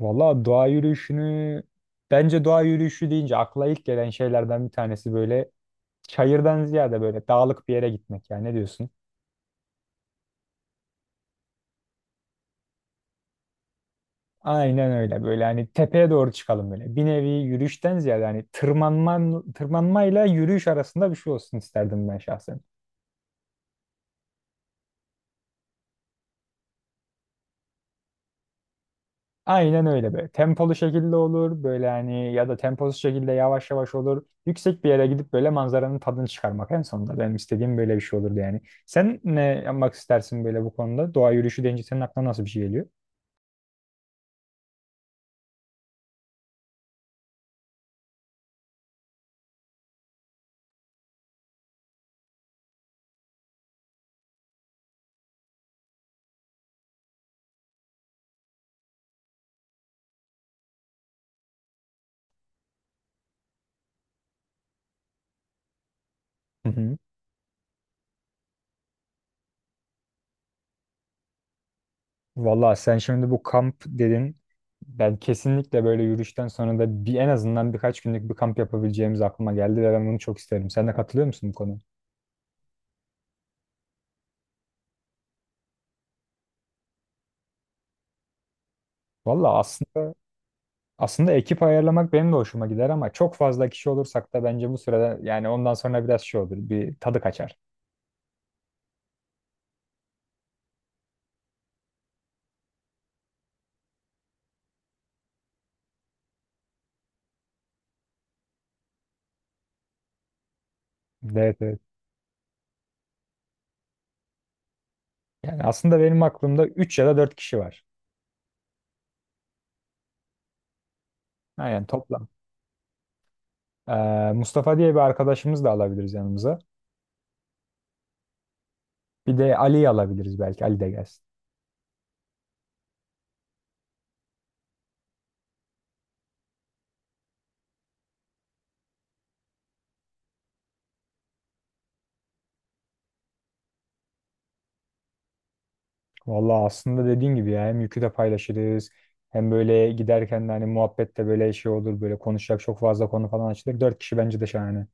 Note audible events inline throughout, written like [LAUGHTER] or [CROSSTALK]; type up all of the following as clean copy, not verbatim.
Valla doğa yürüyüşünü bence doğa yürüyüşü deyince akla ilk gelen şeylerden bir tanesi böyle çayırdan ziyade böyle dağlık bir yere gitmek. Yani ne diyorsun? Aynen öyle böyle, hani tepeye doğru çıkalım böyle. Bir nevi yürüyüşten ziyade hani tırmanma, tırmanmayla yürüyüş arasında bir şey olsun isterdim ben şahsen. Aynen öyle böyle. Tempolu şekilde olur böyle, hani ya da temposuz şekilde yavaş yavaş olur. Yüksek bir yere gidip böyle manzaranın tadını çıkarmak en sonunda. Benim istediğim böyle bir şey olurdu yani. Sen ne yapmak istersin böyle bu konuda? Doğa yürüyüşü deyince senin aklına nasıl bir şey geliyor? Hı hı. Valla sen şimdi bu kamp dedin. Ben kesinlikle böyle yürüyüşten sonra da bir, en azından birkaç günlük bir kamp yapabileceğimiz aklıma geldi ve ben bunu çok isterim. Sen de katılıyor musun bu konuya? Valla aslında aslında ekip ayarlamak benim de hoşuma gider, ama çok fazla kişi olursak da bence bu sırada yani ondan sonra biraz şey olur. Bir tadı kaçar. Evet, evet. Yani aslında benim aklımda 3 ya da 4 kişi var. Aynen toplam. Mustafa diye bir arkadaşımız da alabiliriz yanımıza. Bir de Ali'yi alabiliriz belki. Ali de gelsin. Vallahi aslında dediğin gibi ya, hem yükü de paylaşırız. Hem böyle giderken de hani muhabbet de böyle şey olur. Böyle konuşacak çok fazla konu falan açılır. 4 kişi bence de şahane.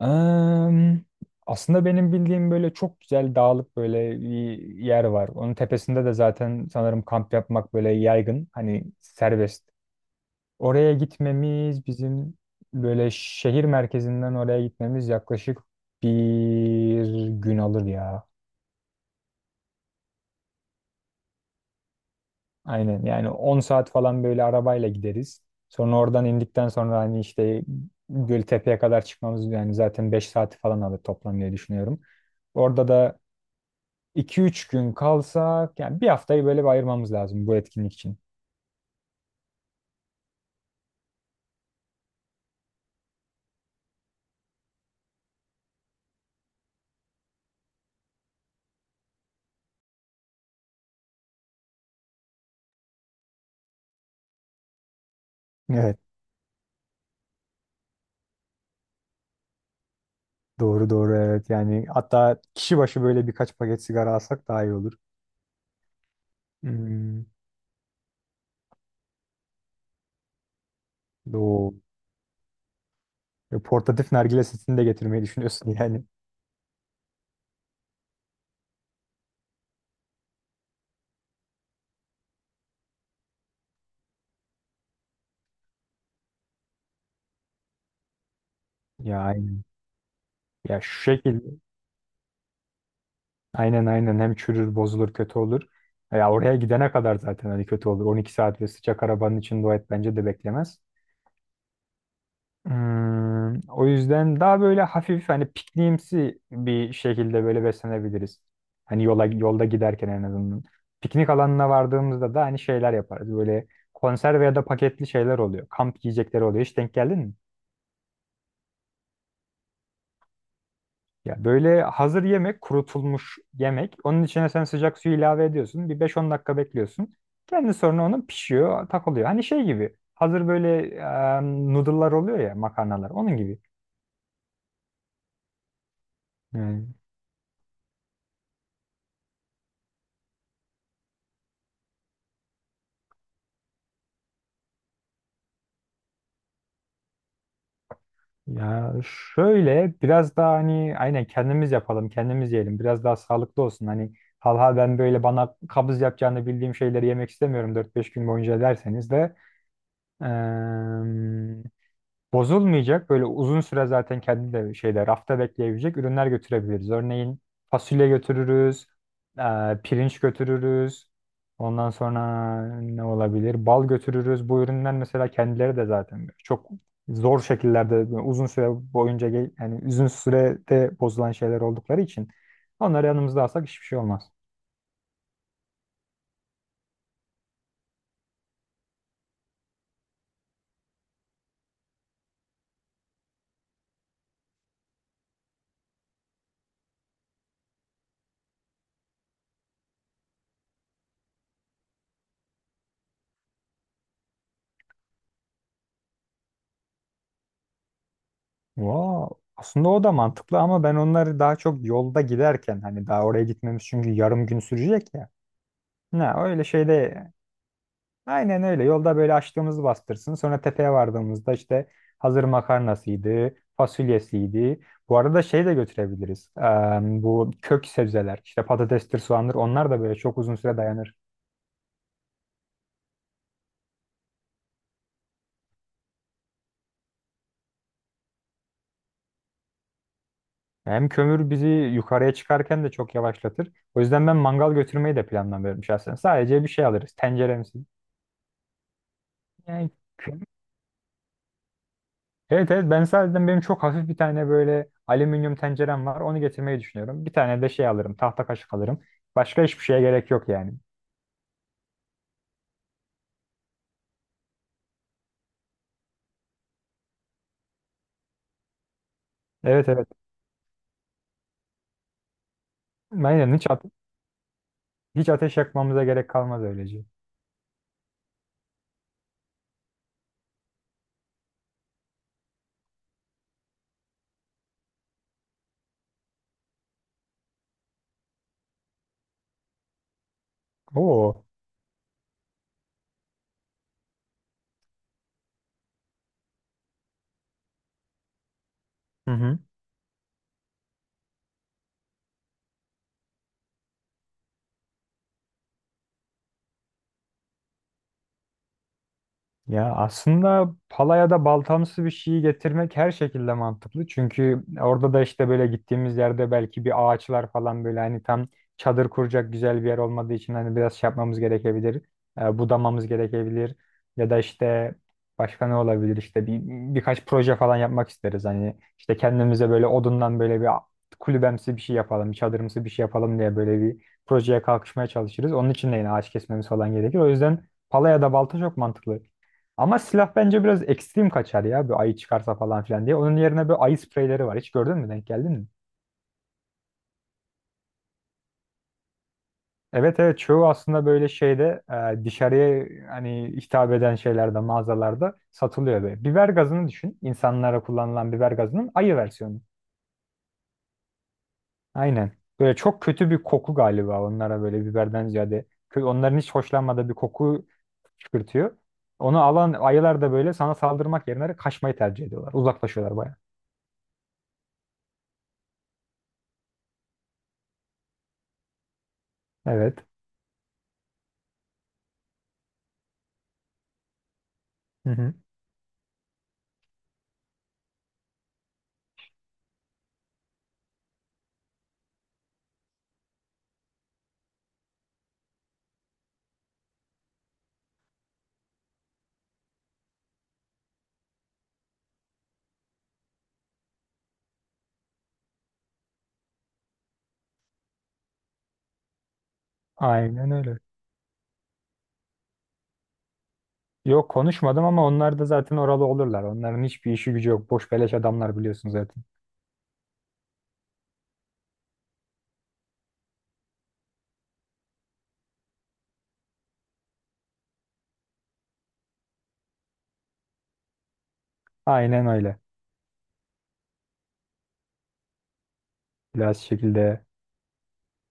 Em, aslında benim bildiğim böyle çok güzel dağlık böyle bir yer var. Onun tepesinde de zaten sanırım kamp yapmak böyle yaygın. Hani serbest. Oraya gitmemiz bizim, böyle şehir merkezinden oraya gitmemiz yaklaşık bir gün alır ya. Aynen, yani 10 saat falan böyle arabayla gideriz. Sonra oradan indikten sonra hani işte Göltepe'ye kadar çıkmamız yani zaten 5 saati falan alır toplam diye düşünüyorum. Orada da 2 üç gün kalsak, yani bir haftayı böyle bir ayırmamız lazım bu etkinlik için. Evet, doğru doğru, evet, yani hatta kişi başı böyle birkaç paket sigara alsak daha iyi olur. Hmm. Doğru. Portatif nargile setini de getirmeyi düşünüyorsun [LAUGHS] yani. Ya aynen. Ya şu şekilde. Aynen aynen, hem çürür bozulur kötü olur. Ya oraya gidene kadar zaten hani kötü olur. 12 saat ve sıcak arabanın içinde o et bence de beklemez. Hmm, o yüzden daha böyle hafif hani pikniğimsi bir şekilde böyle beslenebiliriz. Hani yolda giderken en azından. Piknik alanına vardığımızda da hani şeyler yaparız. Böyle konserve ya da paketli şeyler oluyor. Kamp yiyecekleri oluyor. Hiç denk geldin mi? Ya böyle hazır yemek, kurutulmuş yemek. Onun içine sen sıcak suyu ilave ediyorsun. Bir 5-10 dakika bekliyorsun. Kendi sonra onun pişiyor, takılıyor. Hani şey gibi. Hazır böyle noodle'lar oluyor ya, makarnalar. Onun gibi. Ya şöyle biraz daha hani aynen kendimiz yapalım, kendimiz yiyelim. Biraz daha sağlıklı olsun. Hani halha ben böyle bana kabız yapacağını bildiğim şeyleri yemek istemiyorum 4 5 gün boyunca derseniz de bozulmayacak böyle uzun süre zaten kendi de şeyde rafta bekleyebilecek ürünler götürebiliriz. Örneğin fasulye götürürüz, e, pirinç götürürüz. Ondan sonra ne olabilir? Bal götürürüz. Bu ürünler mesela kendileri de zaten çok zor şekillerde uzun süre boyunca yani uzun sürede bozulan şeyler oldukları için onları yanımızda alsak hiçbir şey olmaz. Vaa, aslında o da mantıklı, ama ben onları daha çok yolda giderken hani daha oraya gitmemiz çünkü yarım gün sürecek ya. Ne öyle şeyde, aynen öyle yolda böyle açtığımızı bastırsın. Sonra tepeye vardığımızda işte hazır makarnasıydı, fasulyesiydi. Bu arada şey de götürebiliriz. Bu kök sebzeler işte patatestir, soğandır, onlar da böyle çok uzun süre dayanır. Hem kömür bizi yukarıya çıkarken de çok yavaşlatır. O yüzden ben mangal götürmeyi de planlamıyorum şahsen. Sadece bir şey alırız. Tenceremsi. Yani evet, evet, ben sadece benim çok hafif bir tane böyle alüminyum tencerem var. Onu getirmeyi düşünüyorum. Bir tane de şey alırım. Tahta kaşık alırım. Başka hiçbir şeye gerek yok yani. Evet, evet. Aynen hiç ateş yakmamıza gerek kalmaz öylece. Oo. Hı hı. Ya aslında palaya da baltamsı bir şeyi getirmek her şekilde mantıklı. Çünkü orada da işte böyle gittiğimiz yerde belki bir ağaçlar falan böyle hani tam çadır kuracak güzel bir yer olmadığı için hani biraz şey yapmamız gerekebilir. Budamamız gerekebilir. Ya da işte başka ne olabilir işte birkaç proje falan yapmak isteriz. Hani işte kendimize böyle odundan böyle kulübemsi bir şey yapalım, bir çadırımsı bir şey yapalım diye böyle bir projeye kalkışmaya çalışırız. Onun için de yine ağaç kesmemiz falan gerekir. O yüzden palaya da balta çok mantıklı. Ama silah bence biraz ekstrem kaçar ya. Bir ayı çıkarsa falan filan diye. Onun yerine böyle ayı spreyleri var. Hiç gördün mü? Denk geldin mi? Evet, evet, çoğu aslında böyle şeyde, dışarıya hani hitap eden şeylerde mağazalarda satılıyor böyle. Biber gazını düşün. İnsanlara kullanılan biber gazının ayı versiyonu. Aynen. Böyle çok kötü bir koku galiba onlara, böyle biberden ziyade. Onların hiç hoşlanmadığı bir koku çıkartıyor. Onu alan ayılar da böyle sana saldırmak yerine kaçmayı tercih ediyorlar. Uzaklaşıyorlar baya. Evet. Hı hı. Aynen öyle. Yok, konuşmadım ama onlar da zaten oralı olurlar. Onların hiçbir işi gücü yok. Boş beleş adamlar, biliyorsun zaten. Aynen öyle. Biraz şekilde